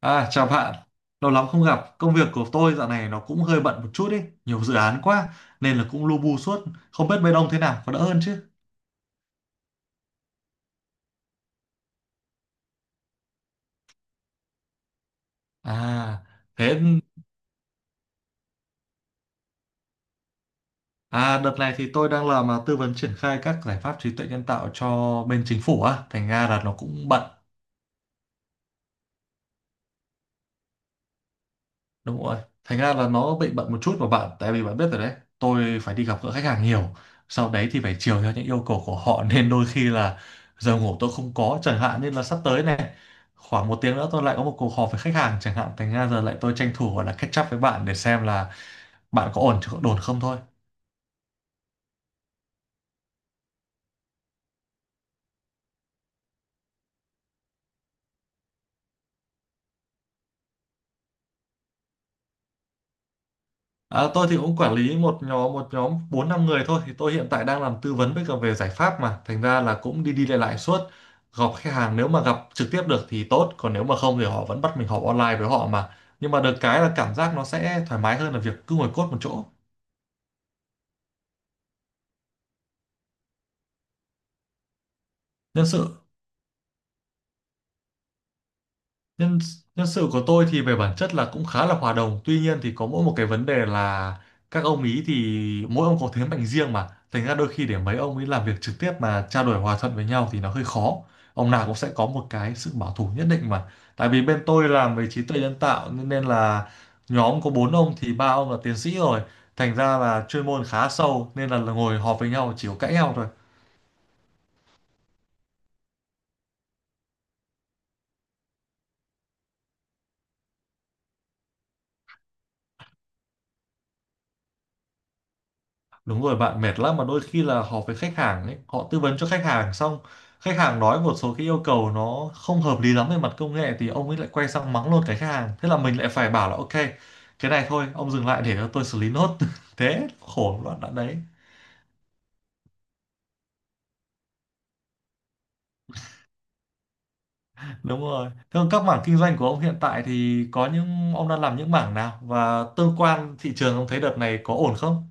À, chào bạn, lâu lắm không gặp. Công việc của tôi dạo này nó cũng hơi bận một chút ý, nhiều dự án quá nên là cũng lu bu suốt. Không biết bên ông thế nào, có đỡ hơn chứ? À, thế à, đợt này thì tôi đang làm tư vấn triển khai các giải pháp trí tuệ nhân tạo cho bên chính phủ á, thành ra là nó cũng bận. Đúng rồi. Thành ra là nó bị bận một chút mà bạn, tại vì bạn biết rồi đấy, tôi phải đi gặp gỡ khách hàng nhiều. Sau đấy thì phải chiều theo những yêu cầu của họ nên đôi khi là giờ ngủ tôi không có chẳng hạn, nên là sắp tới này khoảng một tiếng nữa tôi lại có một cuộc họp với khách hàng chẳng hạn, thành ra giờ lại tôi tranh thủ gọi là catch up với bạn để xem là bạn có ổn chứ, có ổn không thôi. À, tôi thì cũng quản lý một nhóm bốn năm người thôi, thì tôi hiện tại đang làm tư vấn với cả về giải pháp mà thành ra là cũng đi đi lại lại suốt, gặp khách hàng nếu mà gặp trực tiếp được thì tốt, còn nếu mà không thì họ vẫn bắt mình họp online với họ, mà nhưng mà được cái là cảm giác nó sẽ thoải mái hơn là việc cứ ngồi cốt một chỗ. Nhân sự. Nhân nhân sự của tôi thì về bản chất là cũng khá là hòa đồng. Tuy nhiên thì có mỗi một cái vấn đề là các ông ý thì mỗi ông có thế mạnh riêng mà. Thành ra đôi khi để mấy ông ấy làm việc trực tiếp mà trao đổi hòa thuận với nhau thì nó hơi khó. Ông nào cũng sẽ có một cái sự bảo thủ nhất định mà. Tại vì bên tôi làm về trí tuệ nhân tạo nên nên là nhóm có bốn ông thì ba ông là tiến sĩ rồi. Thành ra là chuyên môn khá sâu nên là ngồi họp với nhau chỉ có cãi nhau thôi. Đúng rồi bạn, mệt lắm mà, đôi khi là họp với khách hàng ấy, họ tư vấn cho khách hàng xong, khách hàng nói một số cái yêu cầu nó không hợp lý lắm về mặt công nghệ thì ông ấy lại quay sang mắng luôn cái khách hàng. Thế là mình lại phải bảo là ok, cái này thôi, ông dừng lại để cho tôi xử lý nốt. Thế khổ đoạn đoạn đấy. Đúng rồi. Thế còn các mảng kinh doanh của ông hiện tại thì có những ông đang làm những mảng nào, và tương quan thị trường ông thấy đợt này có ổn không?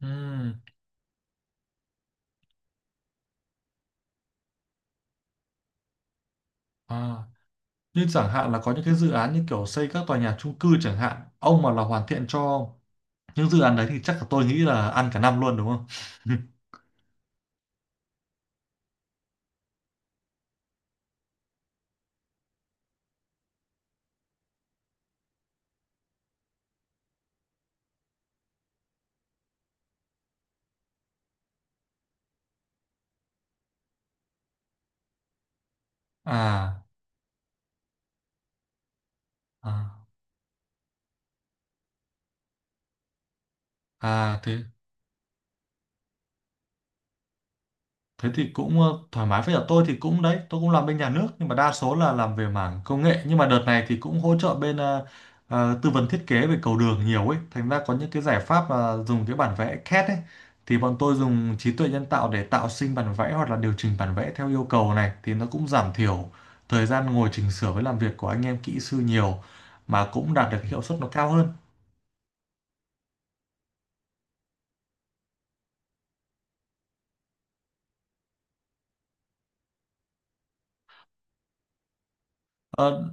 Ừ. À, như chẳng hạn là có những cái dự án như kiểu xây các tòa nhà chung cư chẳng hạn, ông mà là hoàn thiện cho những dự án đấy thì chắc là tôi nghĩ là ăn cả năm luôn đúng không? À, à, à, thế thế thì cũng thoải mái, với cả tôi thì cũng đấy, tôi cũng làm bên nhà nước nhưng mà đa số là làm về mảng công nghệ, nhưng mà đợt này thì cũng hỗ trợ bên tư vấn thiết kế về cầu đường nhiều ấy, thành ra có những cái giải pháp mà dùng cái bản vẽ CAD ấy thì bọn tôi dùng trí tuệ nhân tạo để tạo sinh bản vẽ hoặc là điều chỉnh bản vẽ theo yêu cầu, này thì nó cũng giảm thiểu thời gian ngồi chỉnh sửa với làm việc của anh em kỹ sư nhiều, mà cũng đạt được hiệu suất nó cao hơn. Ờ,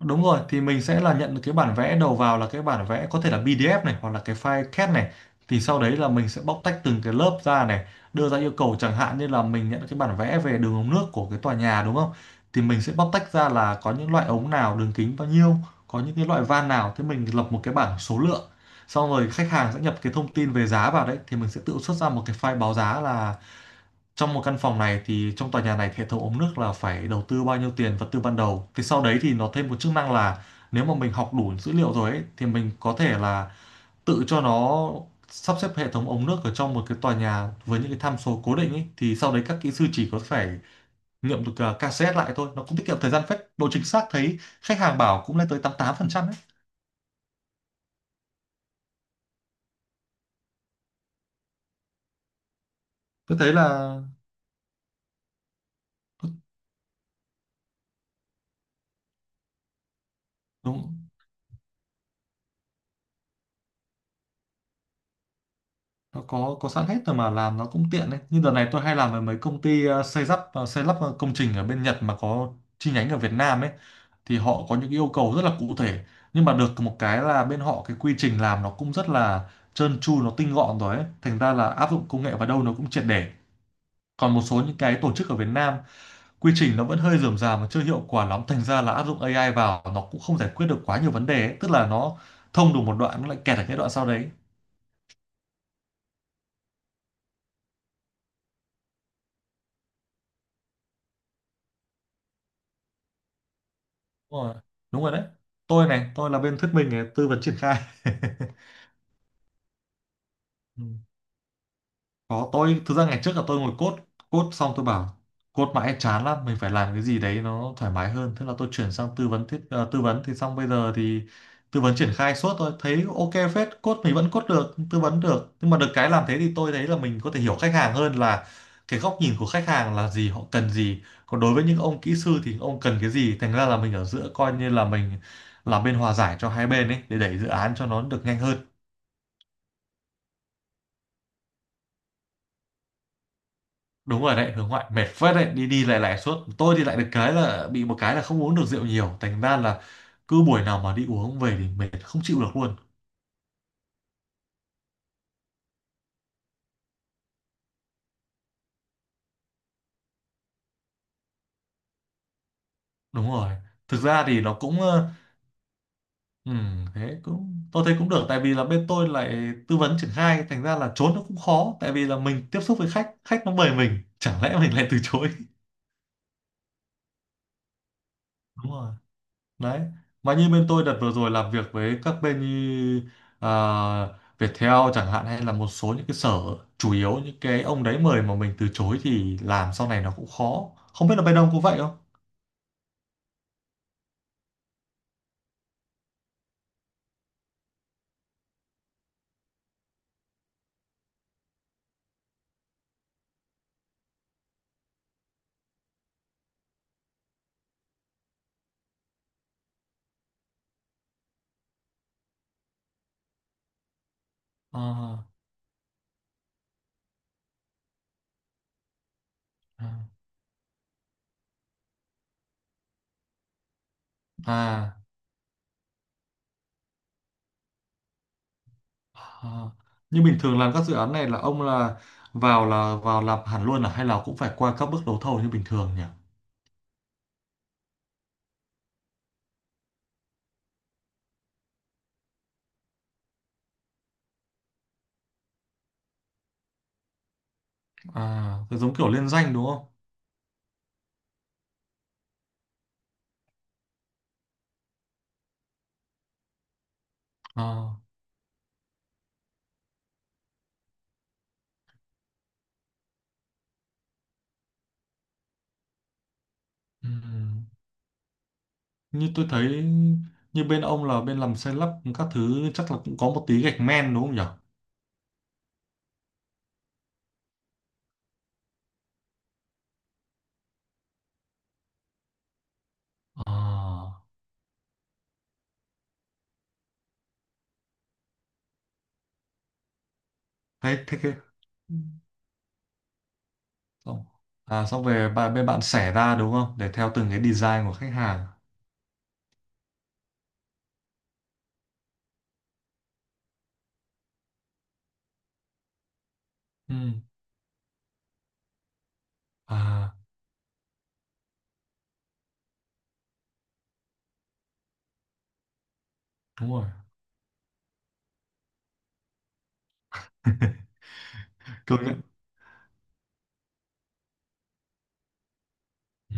đúng rồi, thì mình sẽ là nhận được cái bản vẽ đầu vào là cái bản vẽ có thể là PDF này hoặc là cái file CAD này. Thì sau đấy là mình sẽ bóc tách từng cái lớp ra này, đưa ra yêu cầu chẳng hạn như là mình nhận cái bản vẽ về đường ống nước của cái tòa nhà đúng không? Thì mình sẽ bóc tách ra là có những loại ống nào, đường kính bao nhiêu, có những cái loại van nào, thế mình lập một cái bảng số lượng. Xong rồi khách hàng sẽ nhập cái thông tin về giá vào đấy thì mình sẽ tự xuất ra một cái file báo giá là trong một căn phòng này thì trong tòa nhà này hệ thống ống nước là phải đầu tư bao nhiêu tiền vật tư ban đầu, thì sau đấy thì nó thêm một chức năng là nếu mà mình học đủ dữ liệu rồi ấy, thì mình có thể là tự cho nó sắp xếp hệ thống ống nước ở trong một cái tòa nhà với những cái tham số cố định ấy, thì sau đấy các kỹ sư chỉ có phải nghiệm được KCS lại thôi, nó cũng tiết kiệm thời gian phết, độ chính xác thấy khách hàng bảo cũng lên tới 88% ấy. Tôi thấy là đúng, nó có sẵn hết rồi mà, làm nó cũng tiện đấy, như đợt này tôi hay làm với mấy công ty xây lắp công trình ở bên Nhật mà có chi nhánh ở Việt Nam ấy, thì họ có những yêu cầu rất là cụ thể, nhưng mà được một cái là bên họ cái quy trình làm nó cũng rất là trơn tru, nó tinh gọn rồi ấy, thành ra là áp dụng công nghệ vào đâu nó cũng triệt để, còn một số những cái tổ chức ở Việt Nam quy trình nó vẫn hơi rườm rà mà chưa hiệu quả lắm, thành ra là áp dụng AI vào nó cũng không giải quyết được quá nhiều vấn đề ấy. Tức là nó thông được một đoạn nó lại kẹt ở cái đoạn sau đấy. Đúng rồi. Đúng rồi đấy. Tôi này, tôi là bên thuyết minh này, tư vấn triển khai. Ừ. Có, tôi thực ra ngày trước là tôi ngồi code code xong tôi bảo code mãi chán lắm, mình phải làm cái gì đấy nó thoải mái hơn, thế là tôi chuyển sang tư vấn, thì xong bây giờ thì tư vấn triển khai suốt, tôi thấy ok phết, code mình vẫn code được, tư vấn được, nhưng mà được cái làm thế thì tôi thấy là mình có thể hiểu khách hàng hơn, là cái góc nhìn của khách hàng là gì, họ cần gì, còn đối với những ông kỹ sư thì ông cần cái gì, thành ra là mình ở giữa, coi như là mình làm bên hòa giải cho hai bên ấy để đẩy dự án cho nó được nhanh hơn. Đúng rồi đấy, hướng ngoại mệt phết đấy, đi đi lại lại suốt, tôi thì lại được cái là bị một cái là không uống được rượu nhiều, thành ra là cứ buổi nào mà đi uống về thì mệt không chịu được luôn. Đúng rồi, thực ra thì nó cũng thế cũng tôi thấy cũng được, tại vì là bên tôi lại tư vấn triển khai, thành ra là trốn nó cũng khó, tại vì là mình tiếp xúc với khách khách, nó mời mình chẳng lẽ mình lại từ chối. Đúng rồi. Đấy. Mà như bên tôi đợt vừa rồi làm việc với các bên như à, Viettel chẳng hạn, hay là một số những cái sở, chủ yếu những cái ông đấy mời mà mình từ chối thì làm sau này nó cũng khó. Không biết là bên ông có vậy không? À, à, à. À. Như bình thường làm các dự án này là ông là vào làm hẳn luôn à, hay là cũng phải qua các bước đấu thầu như bình thường nhỉ? À, giống kiểu liên danh đúng không? À. Ừ. Như tôi thấy như bên ông là bên làm xây lắp các thứ chắc là cũng có một tí gạch men đúng không nhỉ? À, thế thế cái. Ừ. xong xong về bên bạn xẻ ra đúng không? Để theo từng cái design của khách hàng. Ừ. À đúng rồi. Công nhận. Ừ,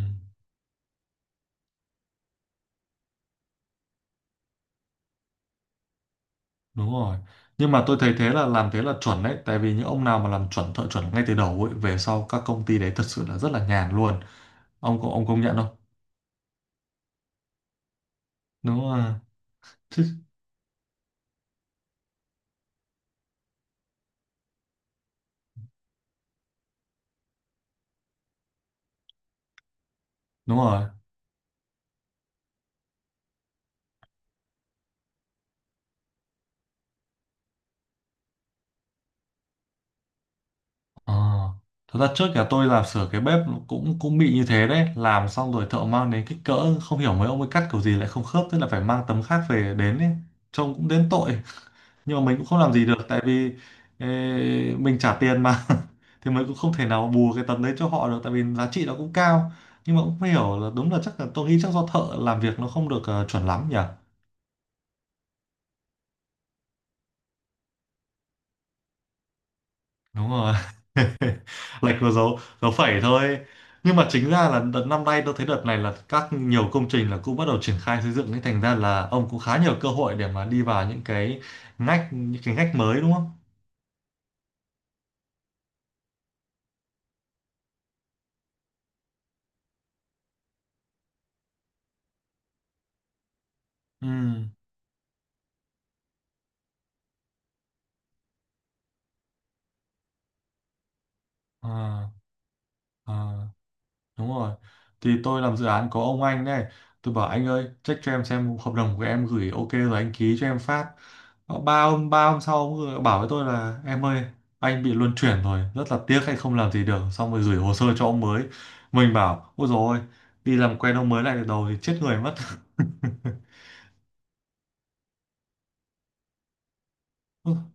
đúng rồi. Nhưng mà tôi thấy thế là làm thế là chuẩn đấy, tại vì những ông nào mà làm chuẩn, thợ chuẩn ngay từ đầu ấy, về sau các công ty đấy thật sự là rất là nhàn luôn. Ông có ông công nhận không? Đúng rồi. Chứ- Đúng rồi. Ờ. Thật ra trước nhà tôi làm sửa cái bếp cũng cũng bị như thế đấy, làm xong rồi thợ mang đến kích cỡ không hiểu mấy ông ấy cắt kiểu gì lại không khớp, thế là phải mang tấm khác về đến ấy. Trông cũng đến tội. Nhưng mà mình cũng không làm gì được, tại vì ê, mình trả tiền mà. Thì mình cũng không thể nào bù cái tấm đấy cho họ được, tại vì giá trị nó cũng cao. Nhưng mà cũng không hiểu là, đúng là chắc là tôi nghĩ chắc do thợ làm việc nó không được chuẩn lắm nhỉ. Đúng rồi. Lệch vào dấu dấu phẩy thôi. Nhưng mà chính ra là đợt năm nay tôi thấy, đợt này là các nhiều công trình là cũng bắt đầu triển khai xây dựng, nên thành ra là ông cũng khá nhiều cơ hội để mà đi vào những cái ngách, những cái ngách mới, đúng không? Ừ, à, à. Đúng rồi. Thì tôi làm dự án có ông anh này. Tôi bảo anh ơi, check cho em xem hợp đồng của em gửi ok rồi anh ký cho em phát. Ờ, ba hôm, ba hôm sau ông vừa bảo với tôi là em ơi, anh bị luân chuyển rồi, rất là tiếc anh không làm gì được. Xong rồi gửi hồ sơ cho ông mới. Mình bảo, ôi dồi ôi, đi làm quen ông mới lại từ đầu thì chết người mất.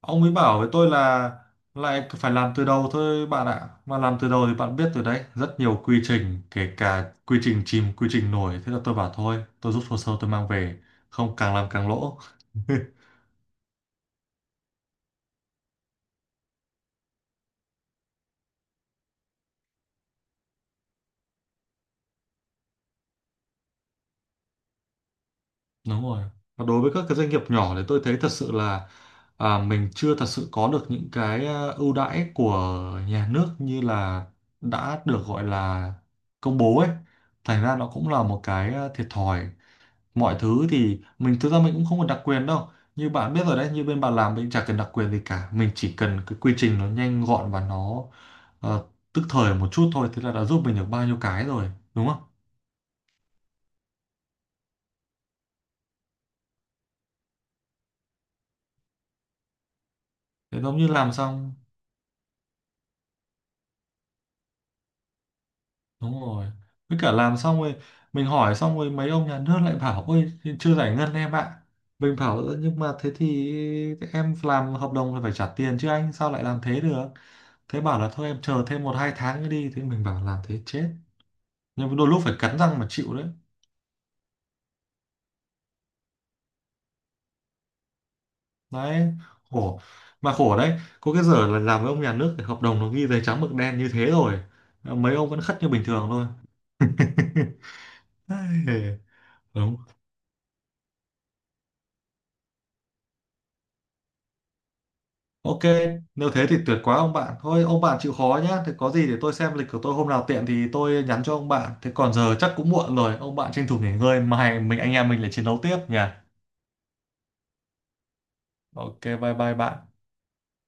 Ông ấy bảo với tôi là lại phải làm từ đầu thôi bạn ạ. Mà làm từ đầu thì bạn biết rồi đấy, rất nhiều quy trình, kể cả quy trình chìm, quy trình nổi. Thế là tôi bảo thôi, tôi rút hồ sơ tôi mang về, không càng làm càng lỗ. Đúng rồi. Và đối với các cái doanh nghiệp nhỏ thì tôi thấy thật sự là mình chưa thật sự có được những cái ưu đãi của nhà nước như là đã được gọi là công bố ấy. Thành ra nó cũng là một cái thiệt thòi. Mọi thứ thì mình, thực ra mình cũng không có đặc quyền đâu. Như bạn biết rồi đấy, như bên bạn làm, mình chả cần đặc quyền gì cả, mình chỉ cần cái quy trình nó nhanh gọn và nó ờ, tức thời một chút thôi, thế là đã giúp mình được bao nhiêu cái rồi, đúng không? Thế giống như làm xong, đúng rồi, với cả làm xong rồi mình hỏi, xong rồi mấy ông nhà nước lại bảo ôi chưa giải ngân em ạ. Mình bảo "Ơ, nhưng mà thế thì em làm hợp đồng là phải trả tiền chứ, anh sao lại làm thế được". Thế bảo là thôi em chờ thêm một hai tháng nữa đi, thế mình bảo làm thế chết. Nhưng đôi lúc phải cắn răng mà chịu đấy. Đấy, khổ. Mà khổ đấy, có cái giờ là làm với ông nhà nước thì hợp đồng nó ghi giấy trắng mực đen như thế rồi, mấy ông vẫn khất như bình thường thôi. Ai, đúng. Ok, nếu thế thì tuyệt quá ông bạn. Thôi ông bạn chịu khó nhá, thì có gì để tôi xem lịch của tôi, hôm nào tiện thì tôi nhắn cho ông bạn. Thế còn giờ chắc cũng muộn rồi, ông bạn tranh thủ nghỉ ngơi, mai mình, anh em mình lại chiến đấu tiếp nhỉ. Ok, bye bye bạn.